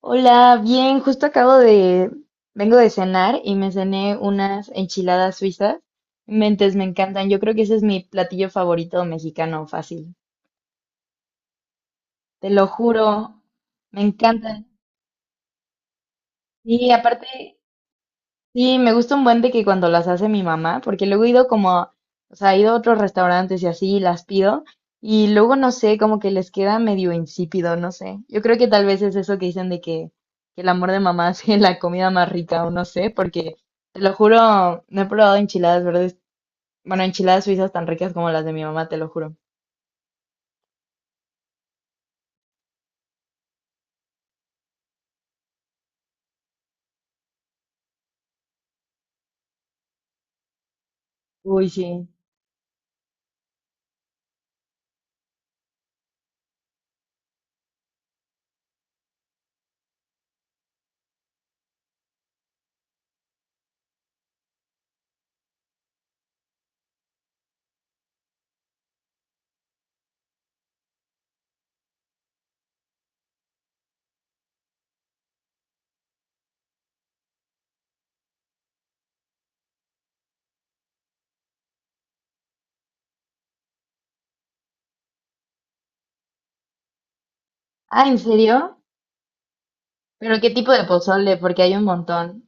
Hola, bien, justo acabo de, vengo de cenar y me cené unas enchiladas suizas. Mentes, me encantan. Yo creo que ese es mi platillo favorito mexicano, fácil. Te lo juro, me encantan. Y aparte, sí, me gusta un buen de que cuando las hace mi mamá, porque luego he ido como, o sea, he ido a otros restaurantes y así y las pido, y luego no sé, como que les queda medio insípido, no sé. Yo creo que tal vez es eso que dicen de que el amor de mamá hace la comida más rica, o no sé, porque te lo juro, no he probado enchiladas verdes, bueno, enchiladas suizas tan ricas como las de mi mamá, te lo juro. Uy, sí. Ah, ¿en serio? ¿Pero qué tipo de pozole? Porque hay un montón.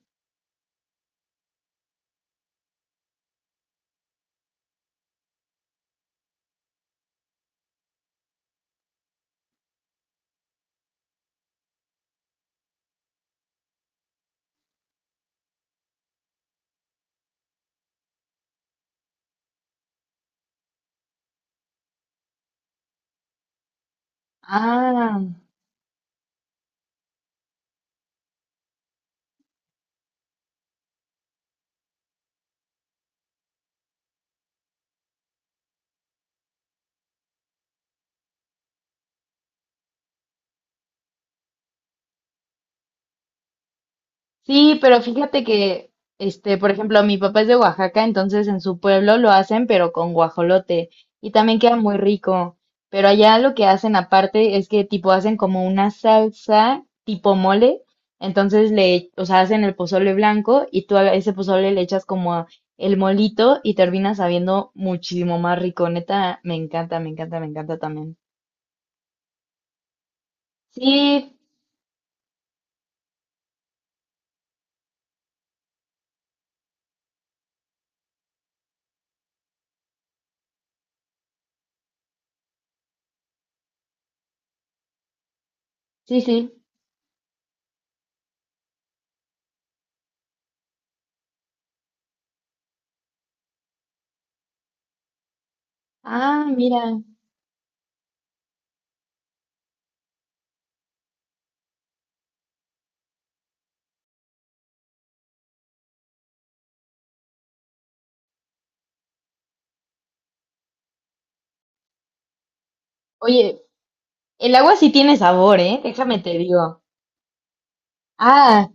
Ah. Sí, pero fíjate que, este, por ejemplo, mi papá es de Oaxaca, entonces en su pueblo lo hacen, pero con guajolote, y también queda muy rico. Pero allá lo que hacen aparte es que tipo hacen como una salsa tipo mole, entonces le, o sea, hacen el pozole blanco y tú a ese pozole le echas como el molito y termina sabiendo muchísimo más rico. Neta, me encanta, me encanta, me encanta también. Sí, sí, sí. Ah, mira. Oye, el agua sí tiene sabor, ¿eh? Déjame te digo. Ah,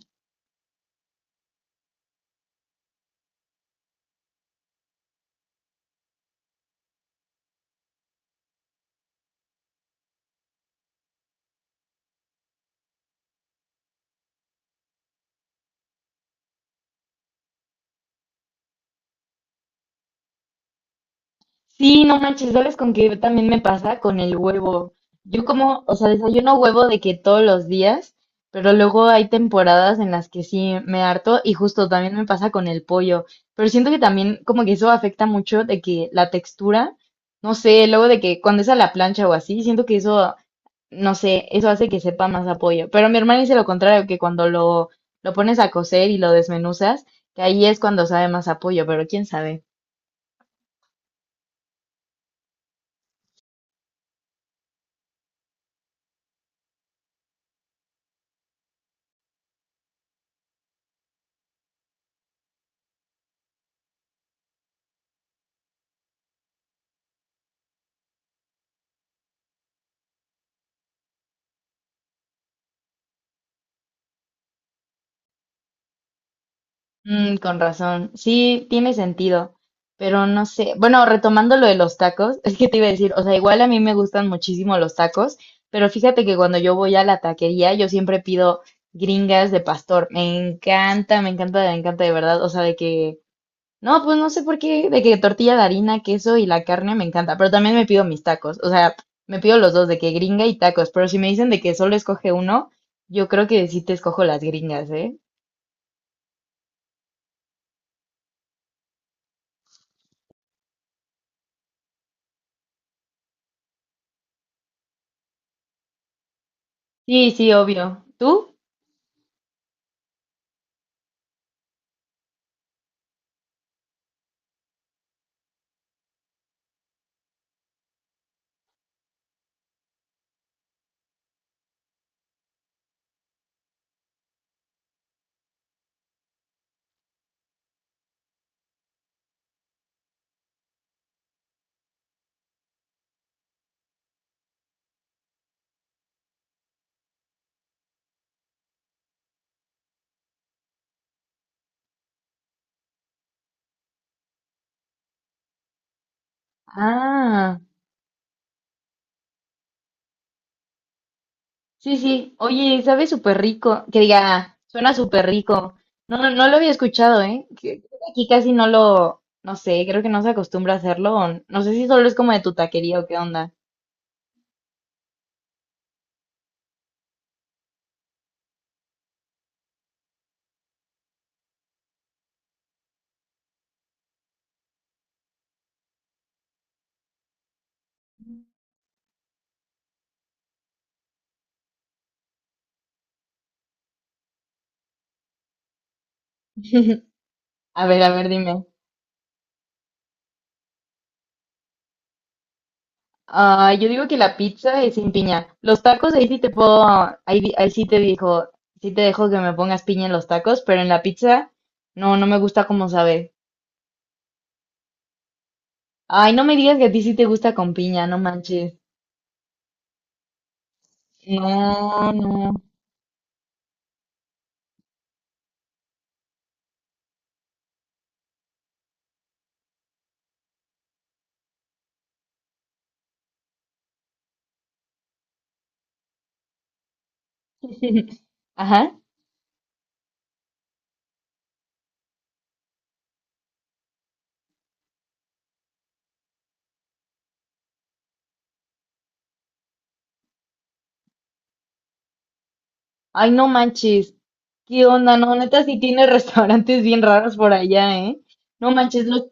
sí, no manches, ¿sabes con qué también me pasa? Con el huevo. Yo como, o sea, desayuno huevo de que todos los días, pero luego hay temporadas en las que sí me harto y justo también me pasa con el pollo. Pero siento que también como que eso afecta mucho de que la textura, no sé, luego de que cuando es a la plancha o así, siento que eso, no sé, eso hace que sepa más a pollo. Pero mi hermana dice lo contrario, que cuando lo pones a cocer y lo desmenuzas, que ahí es cuando sabe más a pollo, pero quién sabe. Mm, con razón. Sí, tiene sentido, pero no sé. Bueno, retomando lo de los tacos, es que te iba a decir, o sea, igual a mí me gustan muchísimo los tacos, pero fíjate que cuando yo voy a la taquería, yo siempre pido gringas de pastor. Me encanta, me encanta, me encanta de verdad. O sea, de que, no, pues no sé por qué, de que tortilla de harina, queso y la carne me encanta, pero también me pido mis tacos. O sea, me pido los dos, de que gringa y tacos, pero si me dicen de que solo escoge uno, yo creo que sí te escojo las gringas, ¿eh? Sí, sí, obvio. ¿Tú? Ah, sí, sí. Oye, sabe súper rico. Que diga, suena súper rico. No, no, no lo había escuchado, ¿eh? Que- aquí casi no lo, no sé, creo que no se acostumbra a hacerlo. O no sé si solo es como de tu taquería o qué onda. A ver, dime. Ah, yo digo que la pizza es sin piña. Los tacos ahí sí te puedo, ahí, ahí sí te dijo, sí te dejo que me pongas piña en los tacos, pero en la pizza no, no me gusta como sabe. Ay, no me digas que a ti sí te gusta con piña, no manches. No, no. Ajá. Ay, no manches. ¿Qué onda? No, neta, sí tiene restaurantes bien raros por allá, ¿eh? No manches, lo...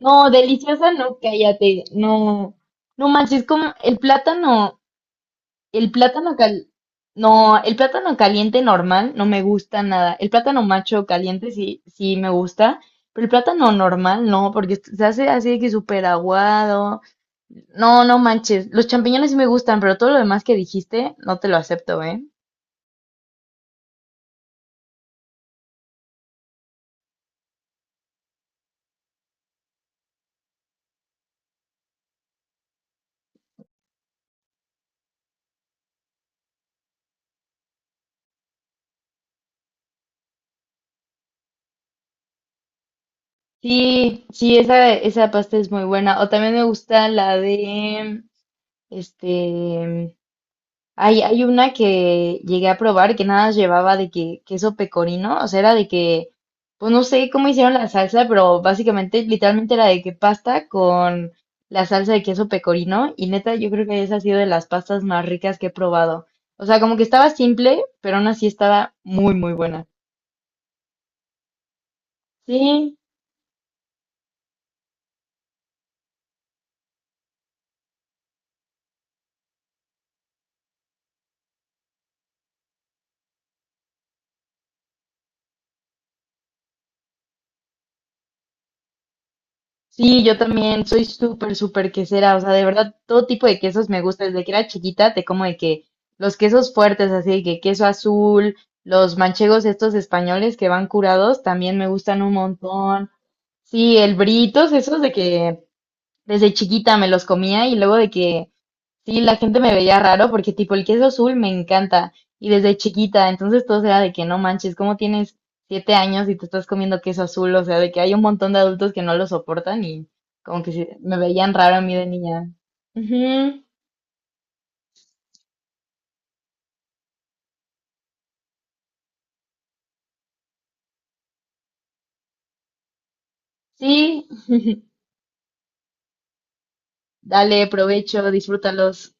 No, deliciosa, no, cállate. No, no manches, como el plátano cal... No, el plátano caliente normal no me gusta nada. El plátano macho caliente sí, sí me gusta, pero el plátano normal no, porque se hace así de que súper aguado. No, no manches. Los champiñones sí me gustan, pero todo lo demás que dijiste no te lo acepto, ¿eh? Sí, sí, esa pasta es muy buena. O también me gusta la de, este, hay una que llegué a probar que nada más llevaba de que queso pecorino, o sea, era de que, pues no sé cómo hicieron la salsa, pero básicamente, literalmente era de que pasta con la salsa de queso pecorino. Y neta, yo creo que esa ha sido de las pastas más ricas que he probado. O sea, como que estaba simple, pero aún así estaba muy, muy buena. Sí, sí, yo también soy súper, súper quesera, o sea, de verdad, todo tipo de quesos me gusta. Desde que era chiquita, te como de que los quesos fuertes, así de que queso azul, los manchegos estos españoles que van curados, también me gustan un montón. Sí, el britos, esos de que desde chiquita me los comía y luego de que sí, la gente me veía raro porque tipo el queso azul me encanta y desde chiquita, entonces todo era de que no manches, ¿cómo tienes 7 años y te estás comiendo queso azul? O sea, de que hay un montón de adultos que no lo soportan y como que sí, me veían raro a mí de niña. Ujú, sí, dale provecho, disfrútalos.